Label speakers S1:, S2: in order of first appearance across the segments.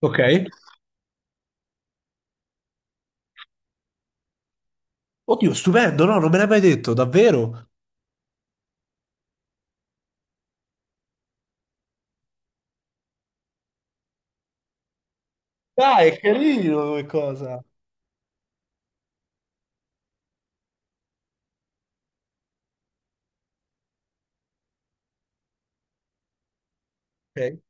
S1: Ok. Oddio, stupendo, no? Non me l'hai mai detto, davvero? Dai, è carino come cosa. Ok,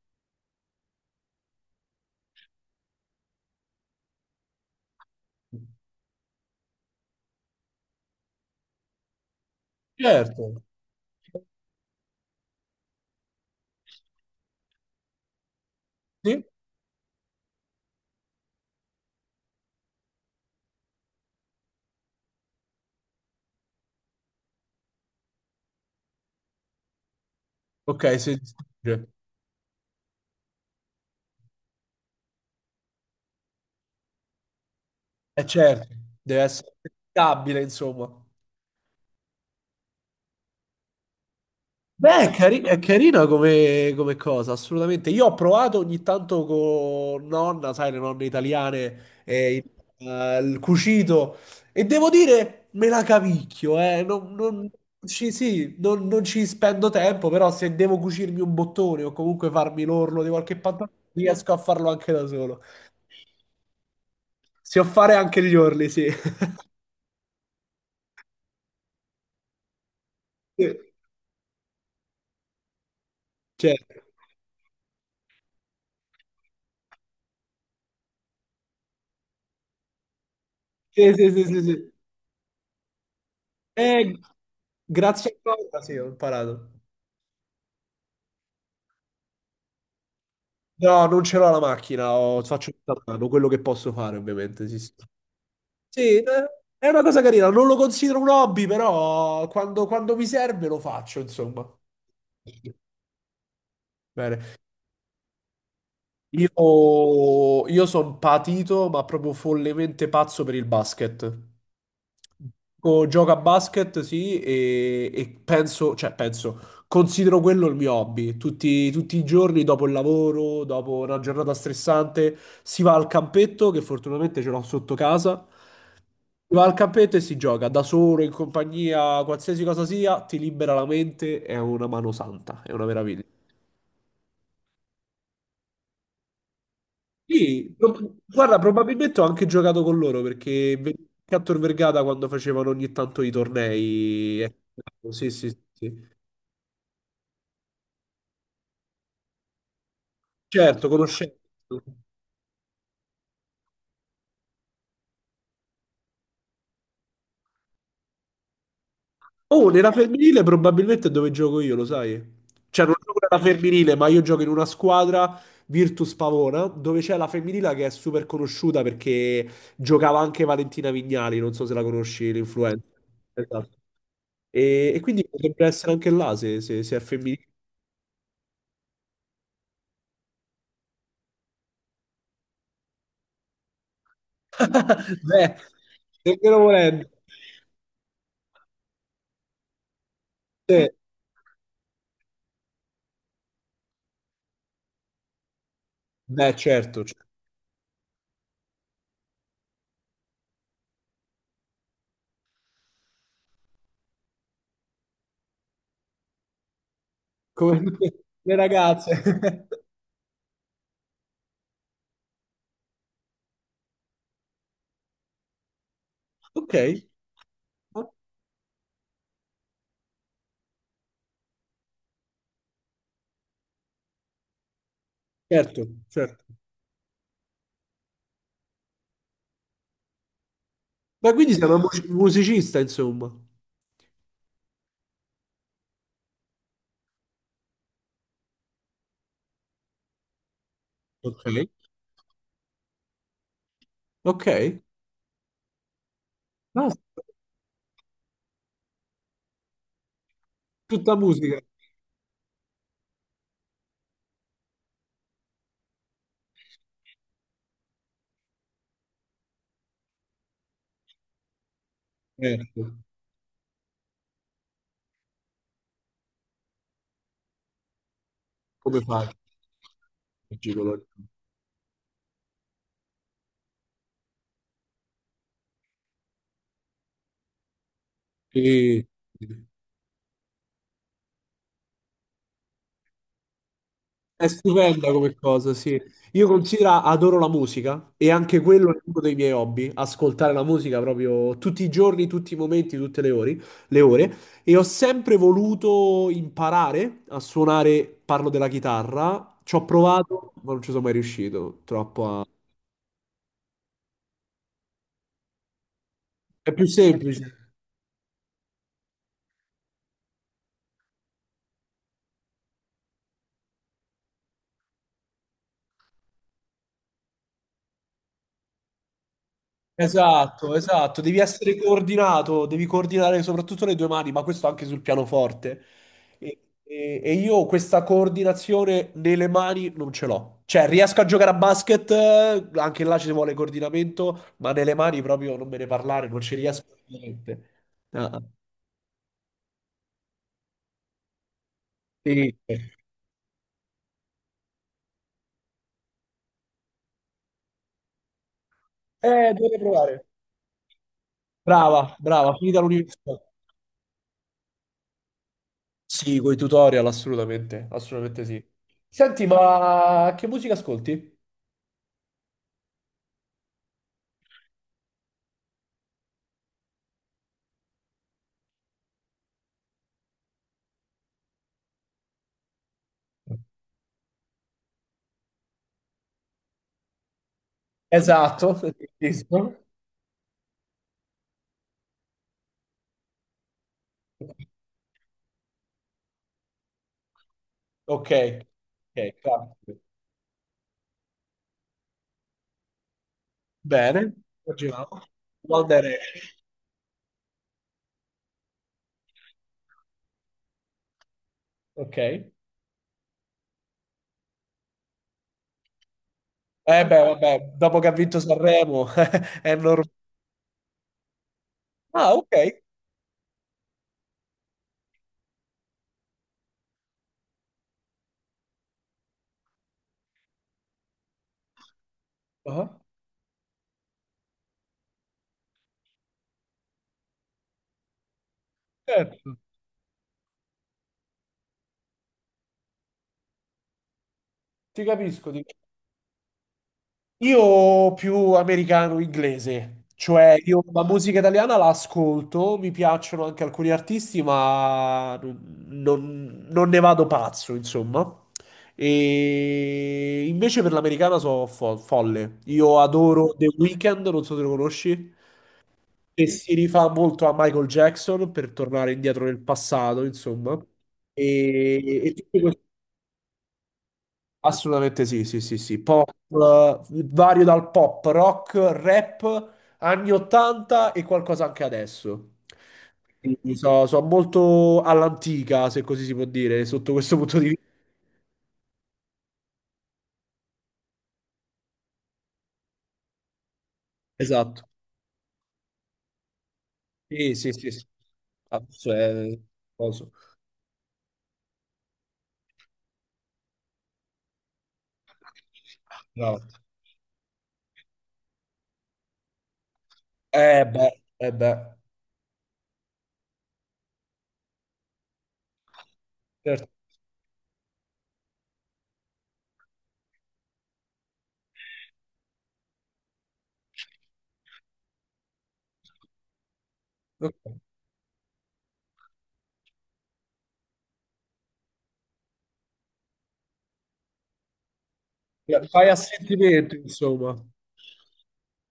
S1: certo. Sì? Ok, si distrugge. Eh certo, deve essere stabile, insomma. Beh, è carina come cosa, assolutamente. Io ho provato ogni tanto con nonna, sai, le nonne italiane, il cucito, e devo dire, me la cavicchio, eh. Non ci, sì, non ci spendo tempo, però se devo cucirmi un bottone o comunque farmi l'orlo di qualche pantalone, riesco a farlo anche da solo. Se fare anche gli orli, sì. Certo. Sì, sì, sì, sì, sì. Eh, grazie a cosa, sì, ho imparato. No, non ce l'ho la macchina, faccio tutto a mano, quello che posso fare ovviamente, sì, sì. Sì, è una cosa carina, non lo considero un hobby, però quando mi serve lo faccio, insomma. Bene. Io sono patito, ma proprio follemente pazzo per il basket. Gioco a basket, sì, e, e penso, cioè, considero quello il mio hobby. Tutti i giorni dopo il lavoro, dopo una giornata stressante, si va al campetto, che fortunatamente ce l'ho sotto casa. Si va al campetto e si gioca da solo, in compagnia, qualsiasi cosa sia, ti libera la mente, è una mano santa, è una meraviglia. Sì, guarda, probabilmente ho anche giocato con loro perché Cantor Vergata quando facevano ogni tanto i tornei. Sì, sì, sì. Sì. Certo, conoscendo. Oh, nella femminile probabilmente è dove gioco io, lo sai? Cioè, non gioco nella femminile, ma io gioco in una squadra Virtus Pavona, dove c'è la femminile che è super conosciuta perché giocava anche Valentina Vignali, non so se la conosci, l'influencer. Esatto. E quindi potrebbe essere anche là se, se è femminile. Beh, nemmeno volendo. Sì, beh, certo, cioè, come tutte le ragazze. Ok, certo, certo. Ma quindi sei una musicista, insomma. Ok, ok. No, tutta musica, certo. Come fai? Il gigolo? Sì. È stupenda come cosa, sì. Io considero, adoro la musica e anche quello è uno dei miei hobby, ascoltare la musica proprio tutti i giorni, tutti i momenti, tutte le ore, le ore. E ho sempre voluto imparare a suonare, parlo della chitarra, ci ho provato, ma non ci sono mai riuscito, troppo a. È più semplice. Esatto, esatto, devi essere coordinato, devi coordinare soprattutto le due mani, ma questo anche sul pianoforte. E io questa coordinazione nelle mani non ce l'ho. Cioè, riesco a giocare a basket, anche là ci vuole coordinamento, ma nelle mani proprio non me ne parlare, non ci riesco niente. Ah, sì. Devo provare. Brava, brava, finita l'università. Sì, con i tutorial, assolutamente, assolutamente sì. Senti, ma che musica ascolti? Esatto, giusto. Ok, ok, grazie. Bene, continuiamo. One Direction. Ok. Eh beh, vabbè, dopo che ha vinto Sanremo è normale. Ah, ok. Ah, certo. Ti capisco, ti Io più americano-inglese, cioè io la musica italiana la ascolto, mi piacciono anche alcuni artisti, ma non ne vado pazzo, insomma. E invece per l'americana so folle. Io adoro The Weeknd, non so se lo conosci, che si rifà molto a Michael Jackson per tornare indietro nel passato, insomma. E tutti questi. Assolutamente sì, sì, sì, sì. Pop, vario dal pop, rock, rap, anni 80 e qualcosa anche adesso. Quindi so, so molto all'antica, se così si può dire, sotto questo punto di vista. Esatto. Sì, sì, sì, sì. Adesso è coso. No. Eh beh, eh beh. Certo. Ok. Fai a sentimento, insomma.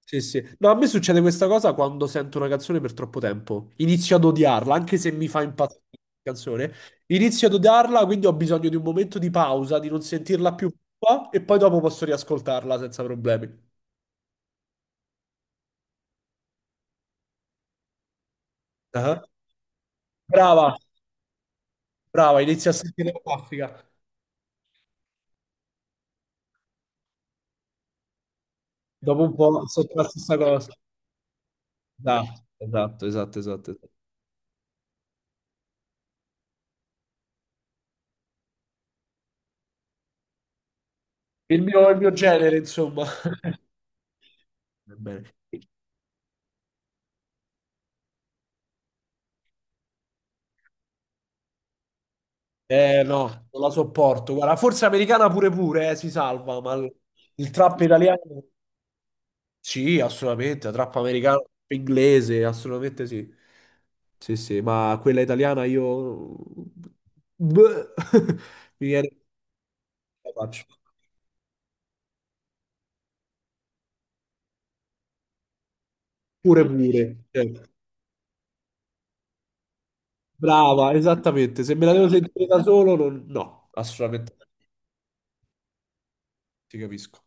S1: Sì, sì. No, a me succede questa cosa quando sento una canzone per troppo tempo. Inizio ad odiarla, anche se mi fa impazzire la canzone. Inizio ad odiarla, quindi ho bisogno di un momento di pausa, di non sentirla più qua, e poi dopo posso riascoltarla senza problemi. Ah. Brava, brava, inizio a sentire la raffica. Dopo un po' sento la stessa cosa. Esatto, esatto, esatto, esatto. Il mio genere, insomma. Va bene. Eh no, non la sopporto. Guarda, forse americana pure pure, si salva, ma il trap italiano. Sì, assolutamente, la trap americana, la trap inglese, assolutamente sì. Sì, sì, ma quella italiana io. Bleh. Mi viene. La faccio. Pure pure. Cioè, brava, esattamente. Se me la devo sentire da solo, no, assolutamente. No, ti capisco.